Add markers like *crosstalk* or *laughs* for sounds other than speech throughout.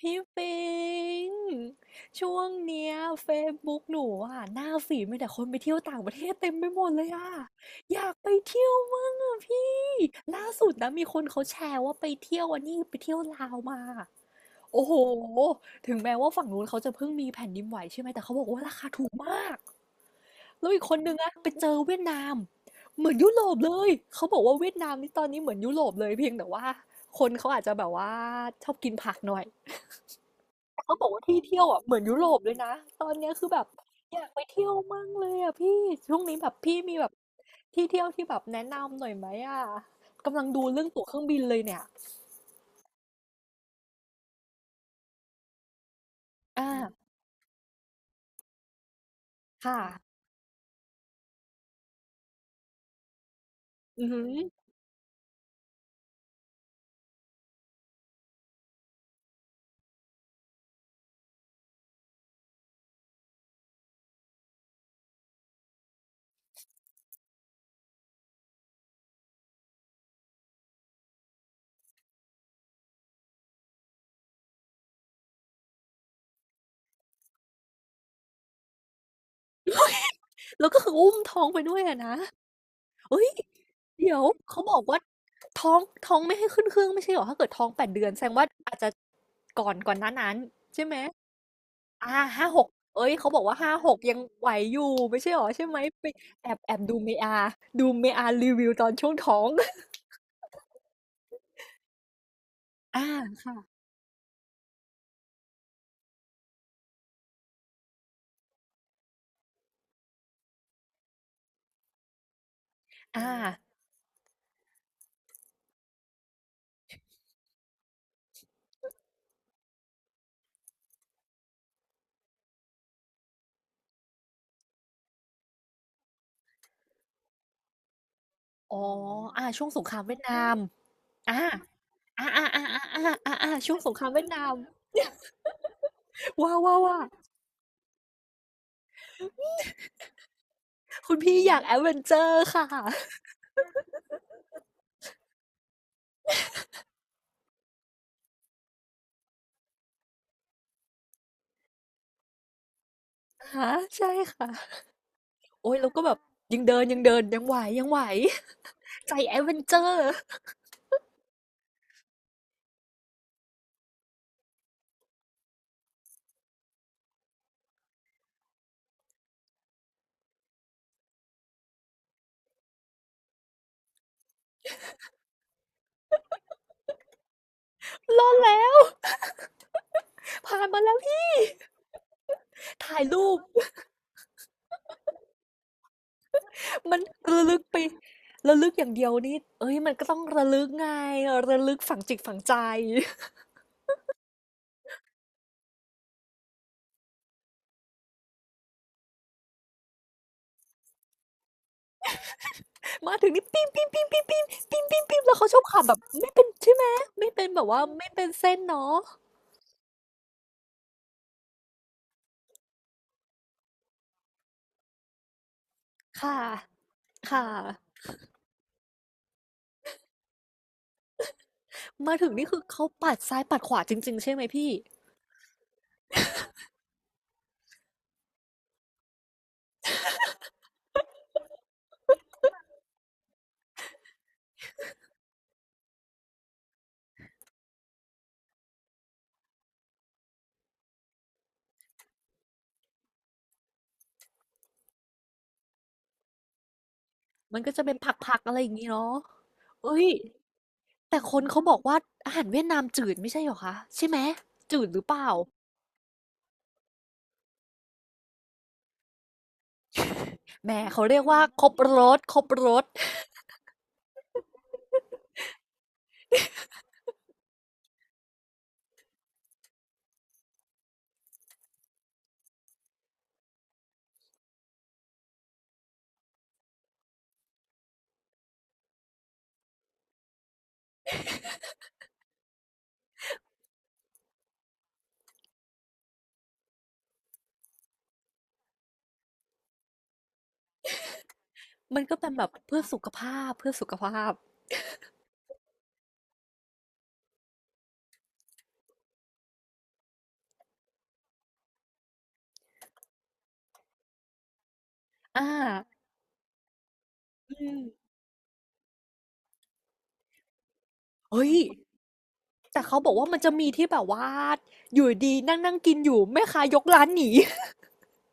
พี่ปิง ช่วงเนี้ย Facebook หนูอ่ะหน้าฝีดมีแต่คนไปเที่ยวต่างประเทศเต็มไปหมดเลยอ่ะอยากไปเที่ยวมั่งอ่ะพี่ล่าสุดนะมีคนเขาแชร์ว่าไปเที่ยวอันนี้ไปเที่ยวลาวมาโอ้โหถึงแม้ว่าฝั่งนู้นเขาจะเพิ่งมีแผ่นดินไหวใช่ไหมแต่เขาบอกว่าราคาถูกมากแล้วอีกคนนึงอ่ะไปเจอเวียดนามเหมือนยุโรปเลยเขาบอกว่าเวียดนามนี่ตอนนี้เหมือนยุโรปเลยเพียงแต่ว่าคนเขาอาจจะแบบว่าชอบกินผักหน่อย เขาบอกว่าที่เที่ยวอ่ะเหมือนยุโรปเลยนะตอนเนี้ยคือแบบอยากไปเที่ยวมั่งเลยอ่ะพี่ช่วงนี้แบบพี่มีแบบที่เที่ยวที่แบบแนะนำหน่อยไหมอ่ะกำลังดูเรื่องตั๋วเครื่องบินเลยเนี่ยอ่าค่ะอือหือแล้วก็คืออุ้มท้องไปด้วยอะนะเฮ้ยเดี๋ยวเขาบอกว่าท้องท้องไม่ให้ขึ้นเครื่องไม่ใช่เหรอถ้าเกิดท้องแปดเดือนแสดงว่าอาจจะก่อนหน้านั้นใช่ไหม อาหาหกเอ้ยเขาบอกว่า5-6ยังไหวอยู่ไม่ใช่เหรอใช่ไหมไปแอบดู m ดูเมอารีวิวตอนช่วงท้องอาค่ะอาอ๋อช่วงสงครามเวียดนามอาอาๆๆๆๆๆๆช่วงสงครามเวียดนามว้าวๆๆคุณพี่อยากแอดเวนเชอร์ค่ะอะฮะใช่ค่ะโอ๊ยเราก็แบบยังเดินยังไหวใจแอดเวนเชอร์รอดแล้วผ่านมาแล้วพี่ถ่ายรูป มันระลึกไประลึกอย่างเดียวนี่เอ้ยมันก็ต้องระลึกไงระลึกฝังจิตฝังใจ *laughs* มาถึงนี่ปิ้มปิ้มปิ้มปิ้มปิ้มปิ้มปิ้มปิ้มแล้วเขาชอบขับแบบไม่เป็นใช่ไหมไม่เป็นแบบว่าไม่เป็นเส้นเนาะค่ะค่ะมาถึงนี่คือเขาปัดซ้ายปัดขวาจริงๆใช่ไหมพี่มันก็จะเป็นผักๆอะไรอย่างงี้เนาะเอ้ยแต่คนเขาบอกว่าอาหารเวียดนามจืดไม่ใช่เหรอคะใช่ไหมจืดหรือเปล่าแหมเขาเรียกว่าครบรส มันก็เป็นแบบเพื่อสุขภาพอาอืมเฮ้ยแต่เขาบอกว่ามันจะมีที่แบบว่าอยู่ดีๆนั่งๆกินอยู่แม่ค้ายกร้านหนี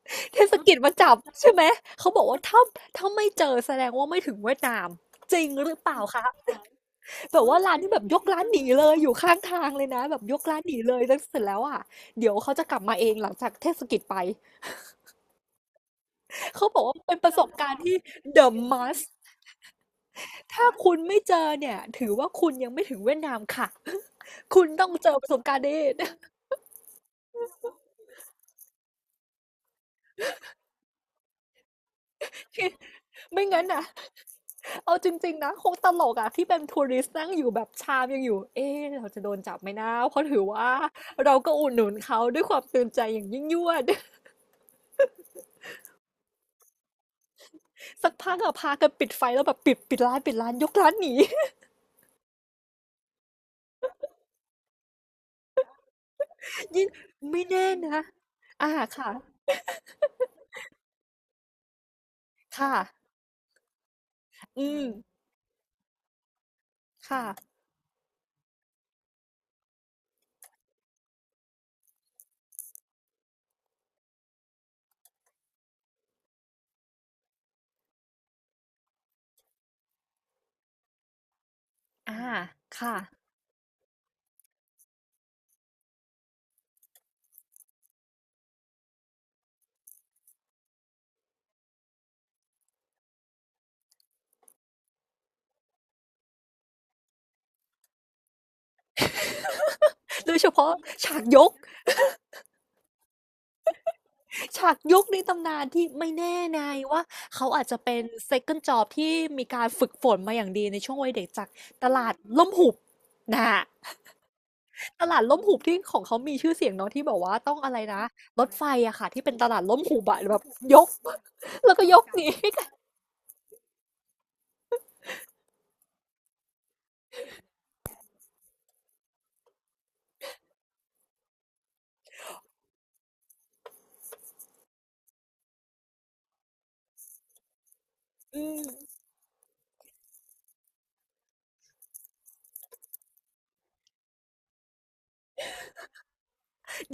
*laughs* เทศกิจมาจับใช่ไหมเขาบอกว่าถ้าถ้าไม่เจอแสดงว่าไม่ถึงเวียดนามจริงหรือเปล่าคะแบบว่าร้านที่แบบยกร้านหนีเลยอยู่ข้างทางเลยนะแบบยกร้านหนีเลยแล้วเสร็จแล้วอะเดี๋ยวเขาจะกลับมาเองหลังจากเทศกิจไปเขาบอกว่าเป็นประสบการณ์ที่ The must ถ้าคุณไม่เจอเนี่ยถือว่าคุณยังไม่ถึงเวียดนามค่ะ *laughs* คุณต้องเจอประสบการณ์นี้ *laughs* ไม่งั้นน่ะเอาจริงๆนะคงตลกอะที่เป็นทัวริสต์นั่งอยู่แบบชามยังอยู่เอ๊ะเราจะโดนจับไหมนะเพราะถือว่าเราก็อุดหนุนเขาด้วยความตื่นใจอย่างยิ่งยวด *laughs* สักพักอะพากันปิดไฟแล้วแบบปิดร้านยกร้านหนี *laughs* ยิ่งไม่แน่นะอ่าค่ะค่ะอืมค่ะอ่าค่ะโดยเฉพาะฉากยก ฉากยุคในตำนานที่ไม่แน่นายว่าเขาอาจจะเป็น second job ที่มีการฝึกฝนมาอย่างดีในช่วงวัยเด็กจากตลาดล่มหุบนะฮะตลาดล่มหุบที่ของเขามีชื่อเสียงเนาะที่บอกว่าต้องอะไรนะรถไฟอะค่ะที่เป็นตลาดล่มหุบอะแบบยก *laughs* แล้วก็ยกหนีนอืม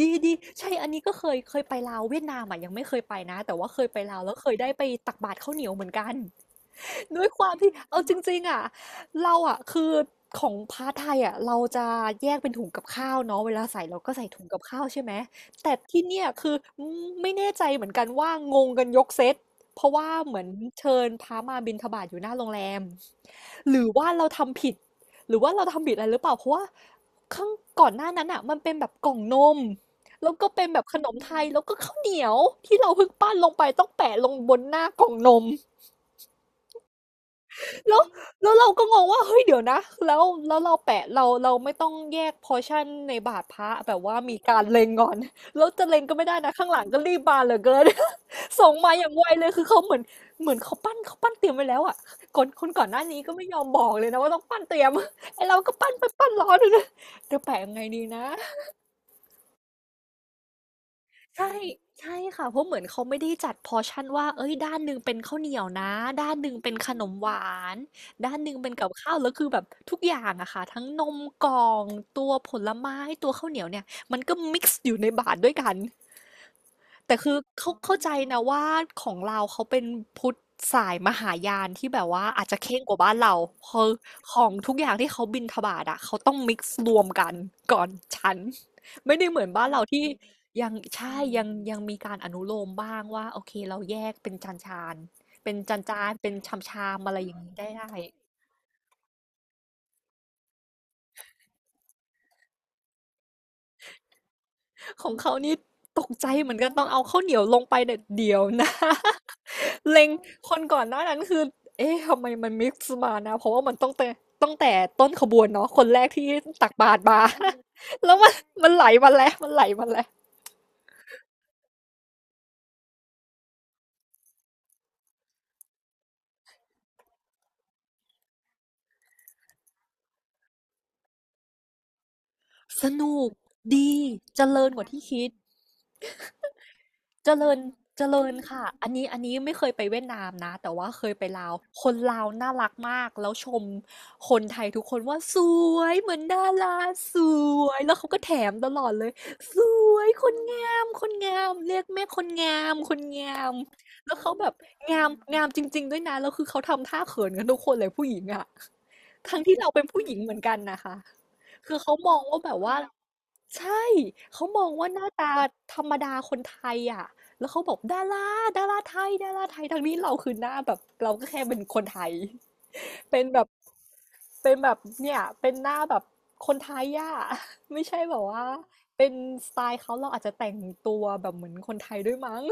ดีดีใช่อันนี้ก็เคยไปลาวเวียดนามอะยังไม่เคยไปนะแต่ว่าเคยไปลาวแล้วเคยได้ไปตักบาตรข้าวเหนียวเหมือนกัน *laughs* ด้วยความที่เอาจริงๆอ่ะเราอ่ะคือของพาร์ทไทยอ่ะเราจะแยกเป็นถุงกับข้าวเนาะเวลาใส่เราก็ใส่ถุงกับข้าวใช่ไหมแต่ที่เนี่ยคือไม่แน่ใจเหมือนกันว่างงกันยกเซตเพราะว่าเหมือนเชิญพระมาบิณฑบาตอยู่หน้าโรงแรมหรือว่าเราทำผิดหรือว่าเราทำผิดอะไรหรือเปล่าเพราะว่าข้างก่อนหน้านั้นอ่ะมันเป็นแบบกล่องนมแล้วก็เป็นแบบขนมไทยแล้วก็ข้าวเหนียวที่เราเพิ่งปั้นลงไปต้องแปะลงบนหน้ากล่องนม แล้วแล้วเราก็งงว่าเฮ้ยเดี๋ยวนะแล้วเราแปะเราไม่ต้องแยกพอร์ชั่นในบาทพระแบบว่ามีการเล็งก่อน *laughs* แล้วจะเล็งก็ไม่ได้นะข้างหลังก็รีบมาเหลือเกิน *laughs* ส่งมาอย่างไวเลยคือเขาเหมือนเหมือนเขาปั้นเขาปั้นเตรียมไว้แล้วอ่ะคนก่อนหน้านี้ก็ไม่ยอมบอกเลยนะว่าต้องปั้นเตรียม *laughs* ไอเราก็ปั้นไปปั้นร้อนเลยนะเดี๋ยวแปะยังไงดีนะ ใช่ใช่ค่ะเพราะเหมือนเขาไม่ได้จัดพอร์ชั่นว่าเอ้ยด้านหนึ่งเป็นข้าวเหนียวนะด้านหนึ่งเป็นขนมหวานด้านหนึ่งเป็นกับข้าวแล้วคือแบบทุกอย่างอะค่ะทั้งนมกล่องตัวผลไม้ตัวข้าวเหนียวเนี่ยมันก็มิกซ์อยู่ในบาตรด้วยกัน แต่คือเขาเข้าใจนะว่าของเราวเขาเป็นพุทธสายมหายานที่แบบว่าอาจจะเค่งกว่าบ้านเราคือของทุกอย่างที่เขาบิณฑบาตอะเขาต้องมิกซ์รวมกันก่อนฉันไม่ได้เหมือนบ้านเราที่ยังใช่ยังยังมีการอนุโลมบ้างว่าโอเคเราแยกเป็นจานจานเป็นจานจานเป็นชามชามอะไรอย่างนี้ได้ ของเขานี่ตกใจเหมือนกันต้องเอาข้าวเหนียวลงไปเด็ดเดียวนะ *laughs* เล็งคนก่อนหน้านั้นคือ เอ๊ะทำไมมันมิกซ์มานะ เพราะว่ามันต้องแต่ตั้งแต่ต้นขบวนเนาะคนแรกที่ตักบาตรมา *laughs* แล้วมันไหลมาแล้ว มันไหลมาแล้ว สนุกดีเจริญกว่าที่คิด เจริญเจริญค่ะอันนี้ไม่เคยไปเวียดนามนะแต่ว่าเคยไปลาวคนลาวน่ารักมากแล้วชมคนไทยทุกคนว่าสวยเหมือนดาราสวยแล้วเขาก็แถมตลอดเลยสวยคนงามคนงามเรียกแม่คนงามคนงามแล้วเขาแบบงามงามจริงๆด้วยนะแล้วคือเขาทำท่าเขินกันทุกคนเลยผู้หญิงอะทั้งที่เราเป็นผู้หญิงเหมือนกันนะคะ คือเขามองว่าแบบว่าใช่เขามองว่าหน้าตาธรรมดาคนไทยอ่ะแล้วเขาบอกดาราดาราไทยดาราไทยทั้งนี้เราคือหน้าแบบเราก็แค่เป็นคนไทย *laughs* เป็นแบบเป็นแบบเนี่ยเป็นหน้าแบบคนไทยอ่ะ *laughs* ไม่ใช่แบบว่าเป็นสไตล์เขาเราอาจจะแต่งตัวแบบเหมือนคนไทยด้วยมั้ง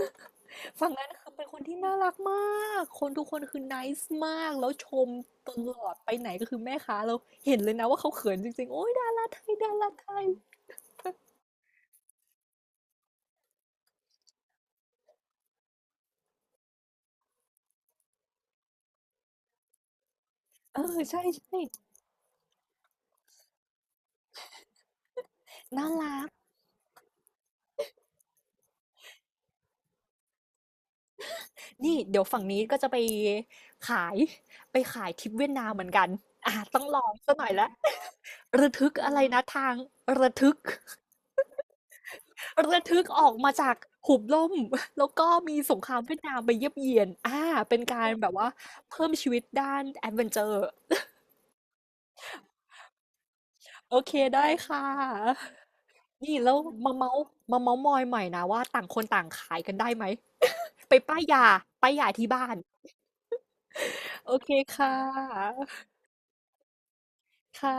ฝั่งนั้นคือเป็นคนที่น่ารักมาก คนทุกคนคือ nice มากแล้วชมตลอดไปไหนก็คือแม่ค้าเราเห็นเลยนะว่าเขาเขินจริงๆโอ้ยดาราไทยดาราไทยเออใช่น่ารัก นี่เดี๋ยวฝั่งนี้ก็จะขายไปขายทริปเวียดนามเหมือนกันอ่ะต้องลองซะหน่อยละระทึกอะไรนะทางระทึกระทึกออกมาจากหุบล่มแล้วก็มีสงครามเวียดนามไปเยียบเยียนอ่าเป็นการแบบว่าเพิ่มชีวิตด้านแอดเวนเจอร์ โอเคได้ค่ะ นี่แล้วมาเมาส์มาเมาส์มอยใหม่นะว่าต่างคนต่างขายกันได้ไหม *laughs* ไปป้ายยาที่บ้านโอเคค่ะค่ะ